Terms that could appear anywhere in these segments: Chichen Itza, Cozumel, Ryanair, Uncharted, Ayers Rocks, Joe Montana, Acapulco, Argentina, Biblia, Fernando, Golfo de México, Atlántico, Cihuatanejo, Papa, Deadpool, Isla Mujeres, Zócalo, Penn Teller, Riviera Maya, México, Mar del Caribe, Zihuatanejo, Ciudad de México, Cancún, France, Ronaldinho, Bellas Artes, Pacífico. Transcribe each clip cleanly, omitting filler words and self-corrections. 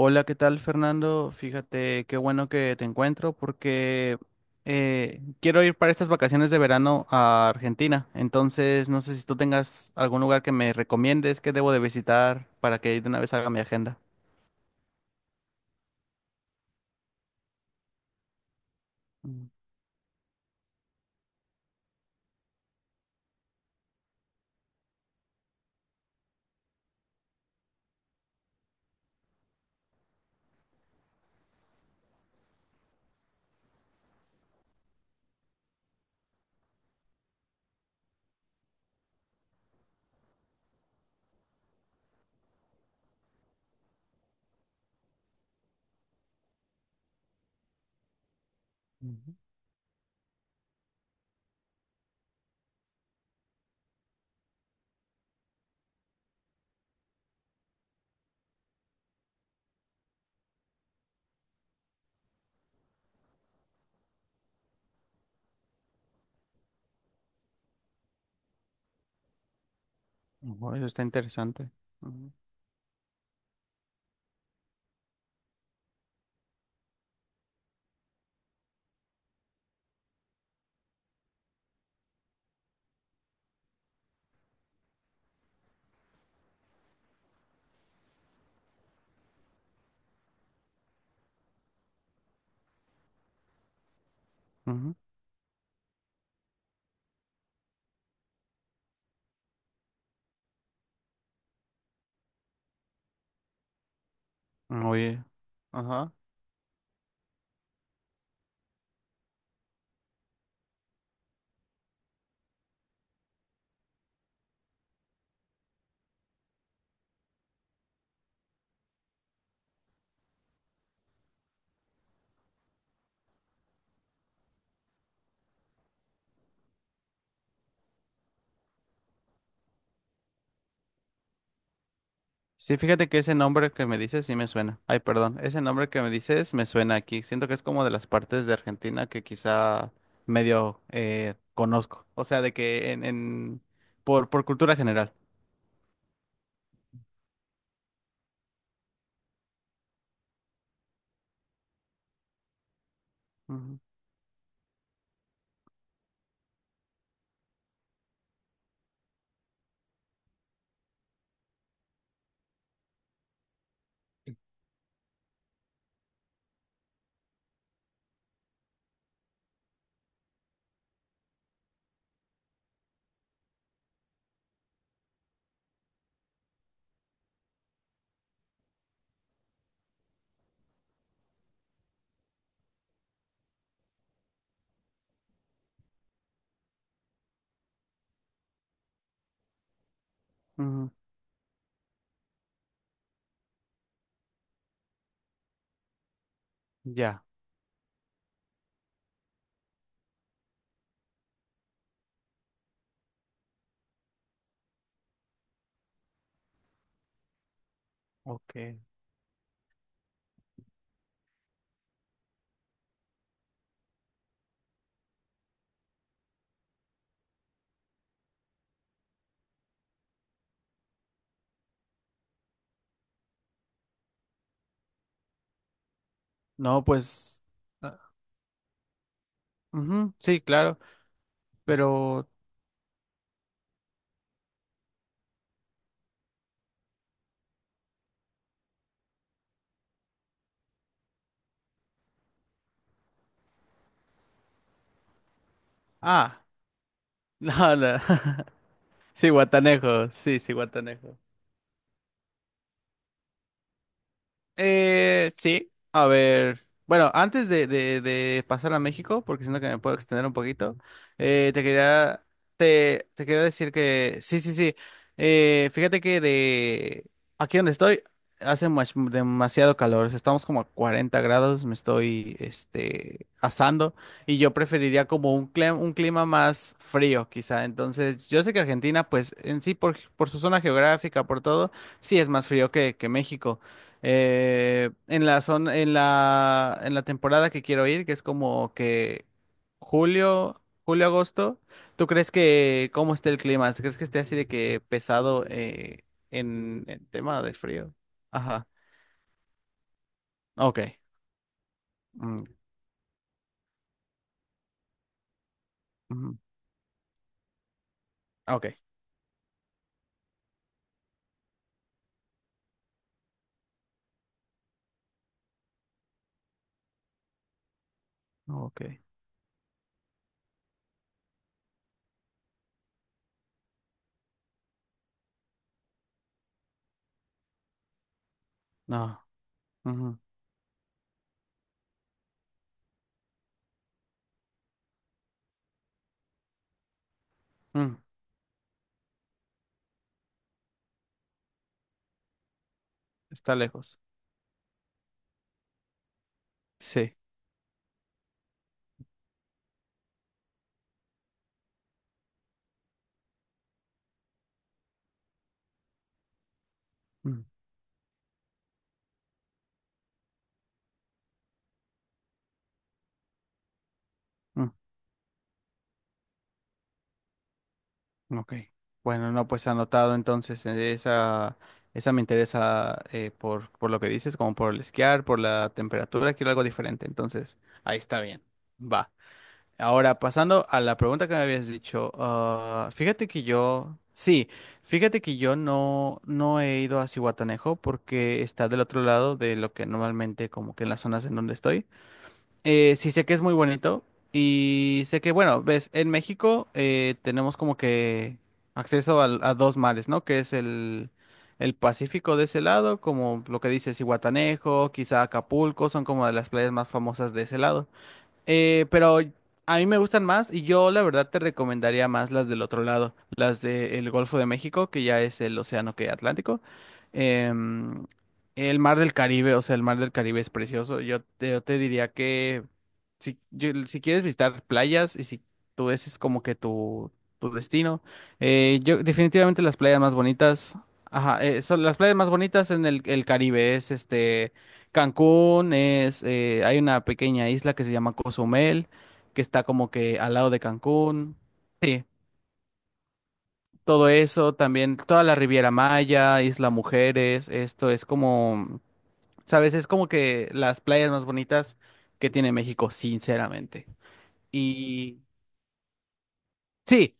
Hola, ¿qué tal, Fernando? Fíjate, qué bueno que te encuentro porque quiero ir para estas vacaciones de verano a Argentina. Entonces, no sé si tú tengas algún lugar que me recomiendes que debo de visitar para que de una vez haga mi agenda. Mm, ujú. Ujú, eso está interesante. Ujú, ujú. Oye. Ajá. Sí, fíjate que ese nombre que me dices sí me suena. Ay, perdón, ese nombre que me dices me suena aquí. Siento que es como de las partes de Argentina que quizá medio conozco. O sea, de que en por cultura general. Ujú, ujú, ya, ok. No, pues ah, ujú, sí, claro, pero ah, no, no. Sí, Guatanejo. Sí, a ver. Bueno, antes de pasar a México, porque siento que me puedo extender un poquito, eh, te quería, te quería decir que, sí, sí, sí. Fíjate que de aquí donde estoy demasiado calor. O sea, estamos como a 40 grados, me estoy, este, asando y yo preferiría como un clima más frío, quizá. Entonces, yo sé que Argentina, pues en sí, por su zona geográfica, por todo, sí es más frío que México. En la zona, en la temporada que quiero ir, que es como que agosto, ¿tú crees que cómo esté el clima? ¿Crees que esté así de que pesado en el tema de frío? Ajá. Ok. Mm, ujú. Ok. Ok. No. Ujú. Mm, está lejos. Sí. Mm, ok. Bueno, no, pues anotado entonces esa me interesa por lo que dices, como por el esquiar, por la temperatura, quiero algo diferente. Entonces, ahí está bien. Va. Ahora, pasando a la pregunta que me habías dicho, ah, fíjate que yo, sí, fíjate que yo no he ido a Cihuatanejo porque está del otro lado de lo que normalmente como que en las zonas en donde estoy. Sí sé que es muy bonito y sé que, bueno, ves, en México tenemos como que dos mares, ¿no? Que es el Pacífico de ese lado, como lo que dices, Zihuatanejo, quizá Acapulco, son como de las playas más famosas de ese lado. Pero a mí me gustan más y yo la verdad te recomendaría más las del otro lado, las del Golfo de México, que ya es el océano que Atlántico. Em, el Mar del Caribe, o sea, el Mar del Caribe es precioso. Yo te diría que si, si quieres visitar playas y si tú ese es como que tu destino, yo definitivamente las playas más bonitas, ajá, son las playas más bonitas en el Caribe, es este... Cancún es, hay una pequeña isla que se llama Cozumel, que está como que al lado de Cancún. Sí, todo eso, también toda la Riviera Maya, Isla Mujeres, esto es como, ¿sabes? Es como que las playas más bonitas que tiene México, sinceramente. Y sí.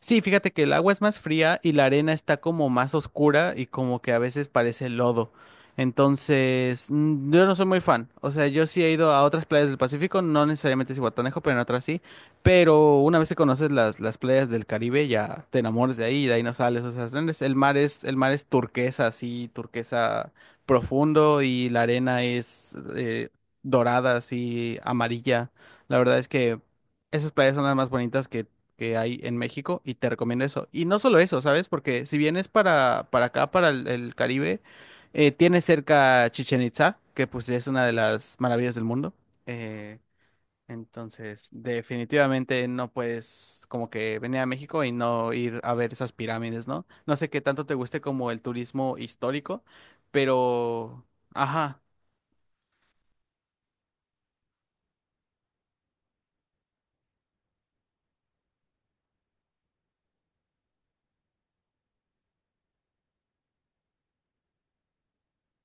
Sí, fíjate que el agua es más fría y la arena está como más oscura y como que a veces parece lodo. Entonces, mm, yo no soy muy fan. O sea, yo sí he ido a otras playas del Pacífico, no necesariamente Cihuatanejo, pero en otras sí. Pero una vez que conoces las playas del Caribe, ya te enamoras de ahí y de ahí no sales. O sea, el mar es turquesa, así, turquesa profundo y la arena es dorada, así, amarilla. La verdad es que esas playas son las más bonitas que hay en México y te recomiendo eso. Y no solo eso, ¿sabes? Porque si vienes para acá, para el Caribe, tienes cerca Chichen Itza, que pues es una de las maravillas del mundo. Eh, entonces, definitivamente no puedes como que venir a México y no ir a ver esas pirámides, ¿no? No sé qué tanto te guste como el turismo histórico, pero... Ajá.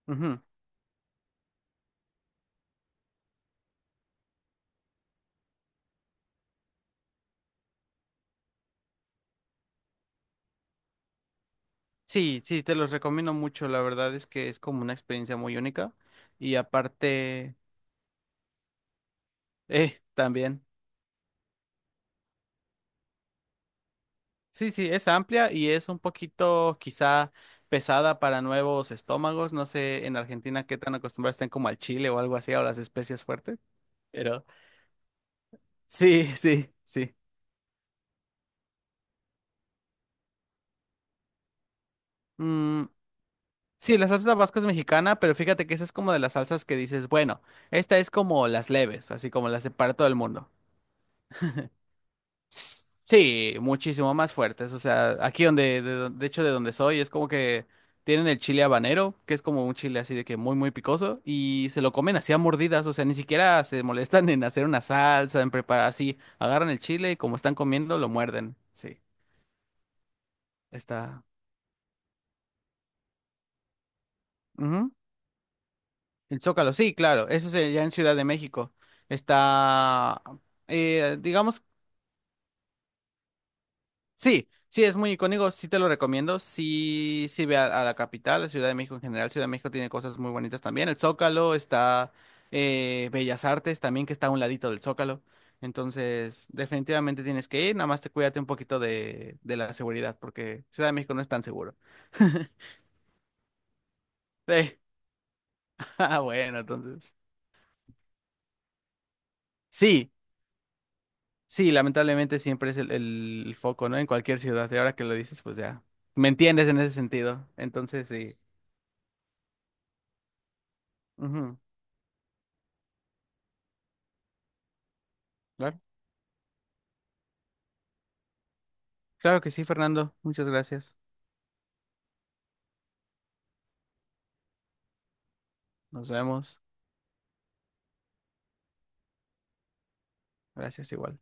Ujú. Sí, sí, te los recomiendo mucho. La verdad es que es como una experiencia muy única. Y aparte... también. Sí, sí, es amplia y es un poquito quizá pesada para nuevos estómagos. No sé en Argentina qué tan acostumbrados estén como al chile o algo así, o las especias fuertes. Pero sí, sí, sí. Mm, sí, la salsa tabasco es mexicana, pero fíjate que esa es como de las salsas que dices, bueno, esta es como las leves, así como las de para todo el mundo. Sí, muchísimo más fuertes. O sea, aquí donde, de, de hecho, de donde soy, es como que tienen el chile habanero, que es como un chile así de que muy, muy picoso, y se lo comen así a mordidas. O sea, ni siquiera se molestan en hacer una salsa, en preparar así. Agarran el chile y como están comiendo, lo muerden. Sí, está. Ujú. El zócalo, sí, claro. Eso es ya en Ciudad de México. Está. Eh, digamos, sí, sí, es muy icónico, sí te lo recomiendo, sí, sí ve a la capital, la Ciudad de México en general, Ciudad de México tiene cosas muy bonitas también, el Zócalo está, Bellas Artes también que está a un ladito del Zócalo, entonces definitivamente tienes que ir, nada más te cuídate un poquito de la seguridad, porque Ciudad de México no es tan seguro. Sí. Ah, bueno, entonces. Sí, sí, lamentablemente siempre es el foco, ¿no? En cualquier ciudad, y ahora que lo dices, pues ya, me entiendes en ese sentido, entonces sí. Ujú. Claro que sí, Fernando. Muchas gracias. Nos vemos. Gracias igual.